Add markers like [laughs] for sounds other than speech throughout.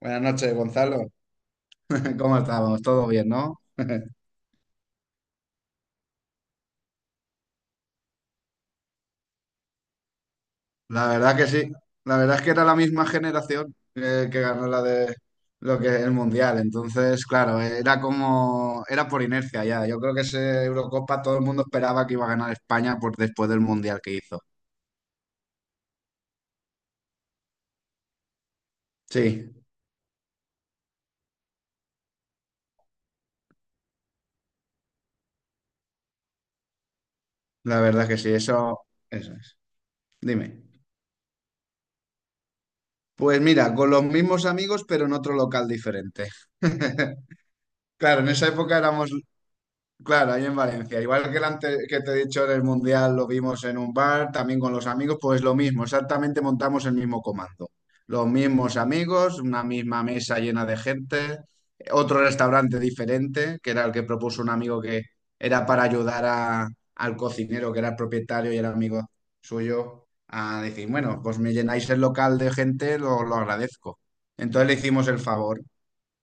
Buenas noches, Gonzalo. [laughs] ¿Cómo estamos? ¿Todo bien, no? La verdad que sí. La verdad es que era la misma generación que ganó la de lo que el Mundial. Entonces, claro, era por inercia ya. Yo creo que ese Eurocopa todo el mundo esperaba que iba a ganar España por después del Mundial que hizo. Sí, la verdad que sí, eso es. Dime. Pues mira, con los mismos amigos, pero en otro local diferente. [laughs] Claro, en esa época éramos. Claro, ahí en Valencia. Igual que el ante- Que te he dicho, en el Mundial lo vimos en un bar, también con los amigos, pues lo mismo, exactamente montamos el mismo comando. Los mismos amigos, una misma mesa llena de gente, otro restaurante diferente, que era el que propuso un amigo que era al cocinero, que era el propietario y era amigo suyo, a decir, bueno, pues me llenáis el local de gente, lo agradezco. Entonces le hicimos el favor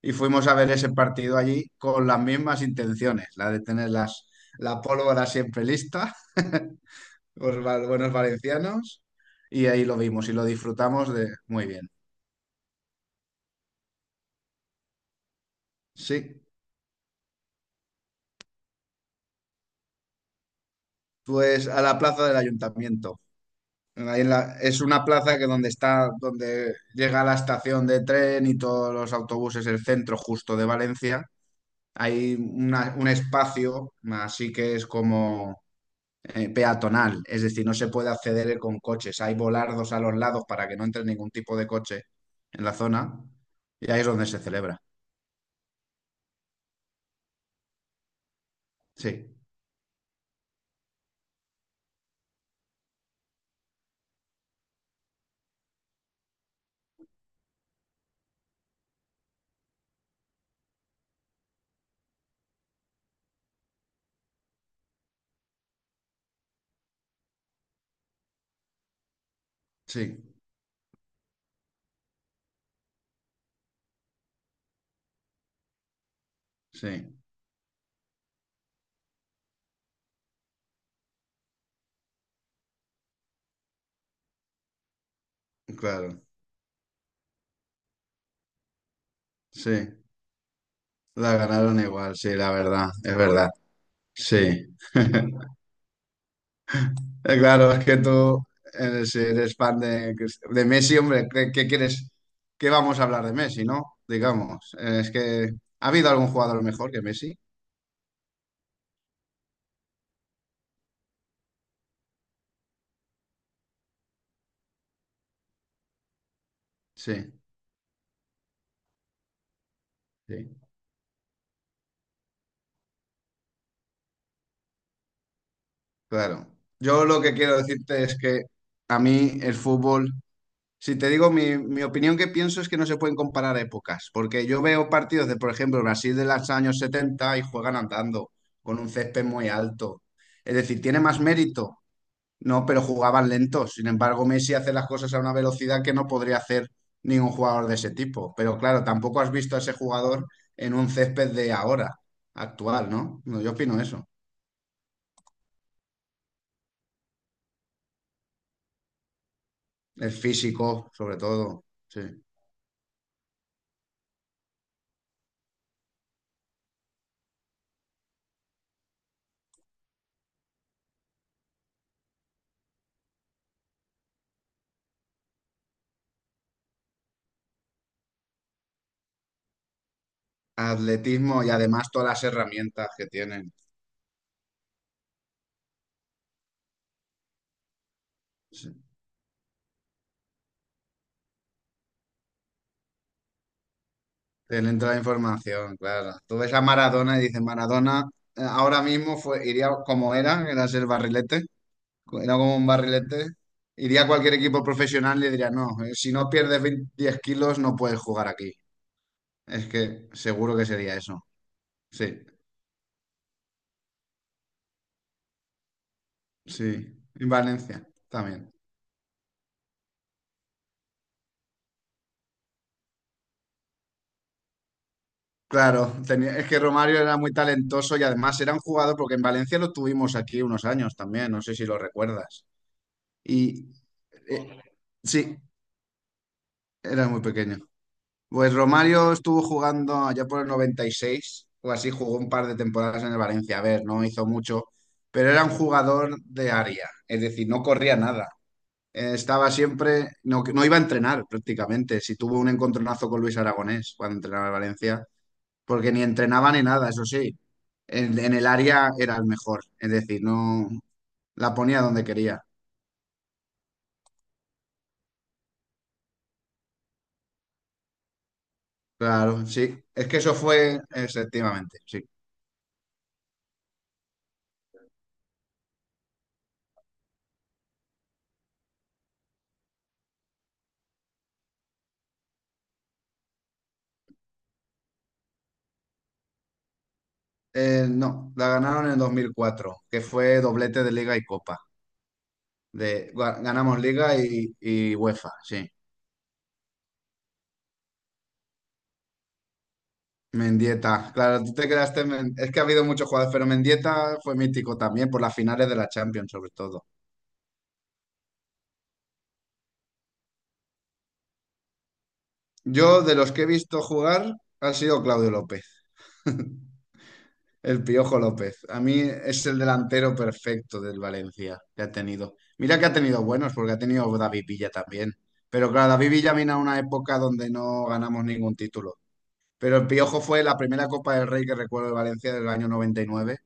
y fuimos a ver ese partido allí con las mismas intenciones, la de tener las, la pólvora siempre lista, [laughs] buenos valencianos, y ahí lo vimos y lo disfrutamos de muy bien. Sí, pues a la plaza del ayuntamiento. Es una plaza que donde está, donde llega la estación de tren y todos los autobuses, el centro justo de Valencia. Hay un espacio, así que es como peatonal, es decir, no se puede acceder con coches. Hay volardos a los lados para que no entre ningún tipo de coche en la zona, y ahí es donde se celebra. Sí, sí, sí, claro, sí. La ganaron igual, sí, la verdad, es verdad. Sí. [laughs] Claro, es que tú eres fan de Messi, hombre, ¿qué, qué quieres? ¿Qué vamos a hablar de Messi, no? Digamos, es que ¿ha habido algún jugador mejor que Messi? Sí, sí. Claro. Yo lo que quiero decirte es que a mí el fútbol, si te digo mi opinión, que pienso es que no se pueden comparar épocas, porque yo veo partidos de, por ejemplo, Brasil de los años 70 y juegan andando, con un césped muy alto. Es decir, tiene más mérito, ¿no? Pero jugaban lentos. Sin embargo, Messi hace las cosas a una velocidad que no podría hacer ningún jugador de ese tipo. Pero claro, tampoco has visto a ese jugador en un césped de ahora, actual, ¿no? No, yo opino eso. El físico, sobre todo. Sí. Atletismo y además todas las herramientas que tienen. Sí. Tienen toda la información, claro. Tú ves a Maradona y dices, Maradona ahora mismo fue, iría como era, era ser barrilete, era como un barrilete. Iría a cualquier equipo profesional y le diría, no, si no pierdes 20 10 kilos no puedes jugar aquí. Es que seguro que sería eso. Sí, sí. En Valencia también. Claro, es que Romario era muy talentoso y además era un jugador, porque en Valencia lo tuvimos aquí unos años también, no sé si lo recuerdas. Y eh, sí, era muy pequeño. Pues Romario estuvo jugando allá por el 96 o así, jugó un par de temporadas en el Valencia. A ver, no hizo mucho, pero era un jugador de área, es decir, no corría nada. Estaba siempre, no, no iba a entrenar prácticamente. Si tuvo un encontronazo con Luis Aragonés cuando entrenaba en Valencia, porque ni entrenaba ni nada, eso sí. En el área era el mejor, es decir, no la ponía donde quería. Claro, sí. Es que eso fue, efectivamente, sí. No, la ganaron en el 2004, que fue doblete de Liga y Copa. Ganamos Liga y UEFA, sí. Mendieta, claro, tú te quedaste en, es que ha habido muchos jugadores, pero Mendieta fue mítico también por las finales de la Champions, sobre todo. Yo, de los que he visto jugar, ha sido Claudio López. [laughs] El Piojo López. A mí es el delantero perfecto del Valencia que ha tenido. Mira que ha tenido buenos, porque ha tenido David Villa también. Pero claro, David Villa vino a una época donde no ganamos ningún título. Pero el Piojo fue la primera Copa del Rey que recuerdo de Valencia del año 99.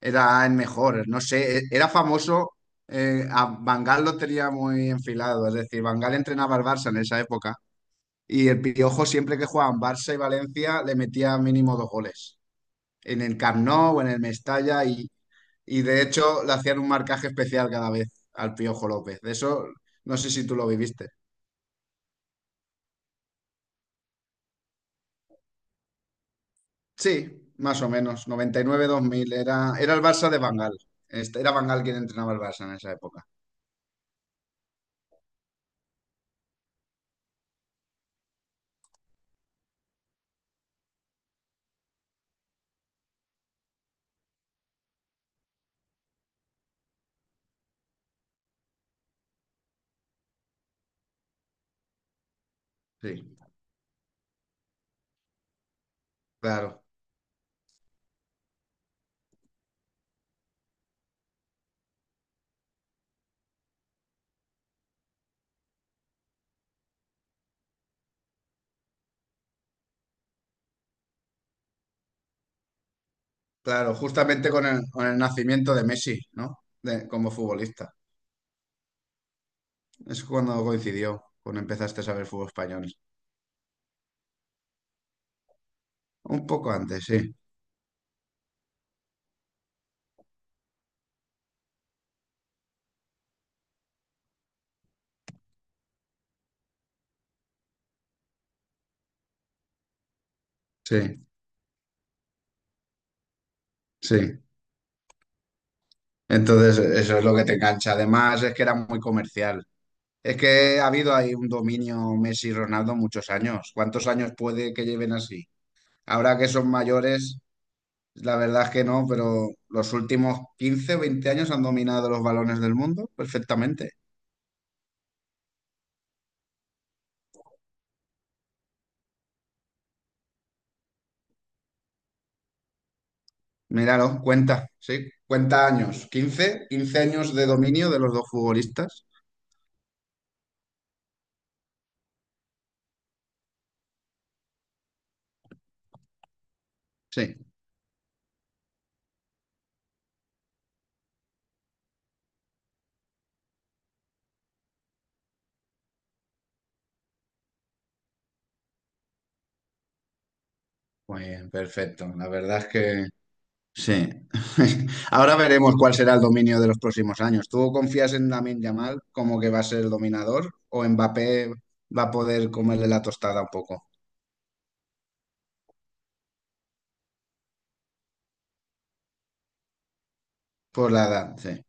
Era el mejor, no sé, era famoso. A Van Gaal lo tenía muy enfilado, es decir, Van Gaal entrenaba al Barça en esa época. Y el Piojo siempre que jugaban Barça y Valencia le metía mínimo dos goles en el Camp Nou o en el Mestalla, y de hecho le hacían un marcaje especial cada vez al Piojo López. De eso no sé si tú lo viviste. Sí, más o menos, 1999 2000 era, era el Barça de Bangal. Este, era Bangal quien entrenaba el Barça en esa época. Sí, claro, claro, justamente con con el nacimiento de Messi, ¿no? Como futbolista. Es cuando coincidió, cuando empezaste a saber fútbol español. Un poco antes, sí, sí, sí. Entonces, eso es lo que te engancha. Además, es que era muy comercial. Es que ha habido ahí un dominio Messi-Ronaldo muchos años. ¿Cuántos años puede que lleven así? Ahora que son mayores, la verdad es que no, pero los últimos 15, o 20 años han dominado los balones del mundo perfectamente. Míralo, cuenta, sí, cuenta años. 15, 15 años de dominio de los dos futbolistas. Sí, muy bien, perfecto. La verdad es que sí. [laughs] Ahora veremos cuál será el dominio de los próximos años. ¿Tú confías en Lamine Yamal como que va a ser el dominador, o Mbappé va a poder comerle la tostada un poco? Por la edad, sí.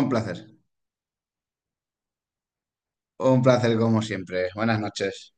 Un placer. Un placer como siempre. Buenas noches.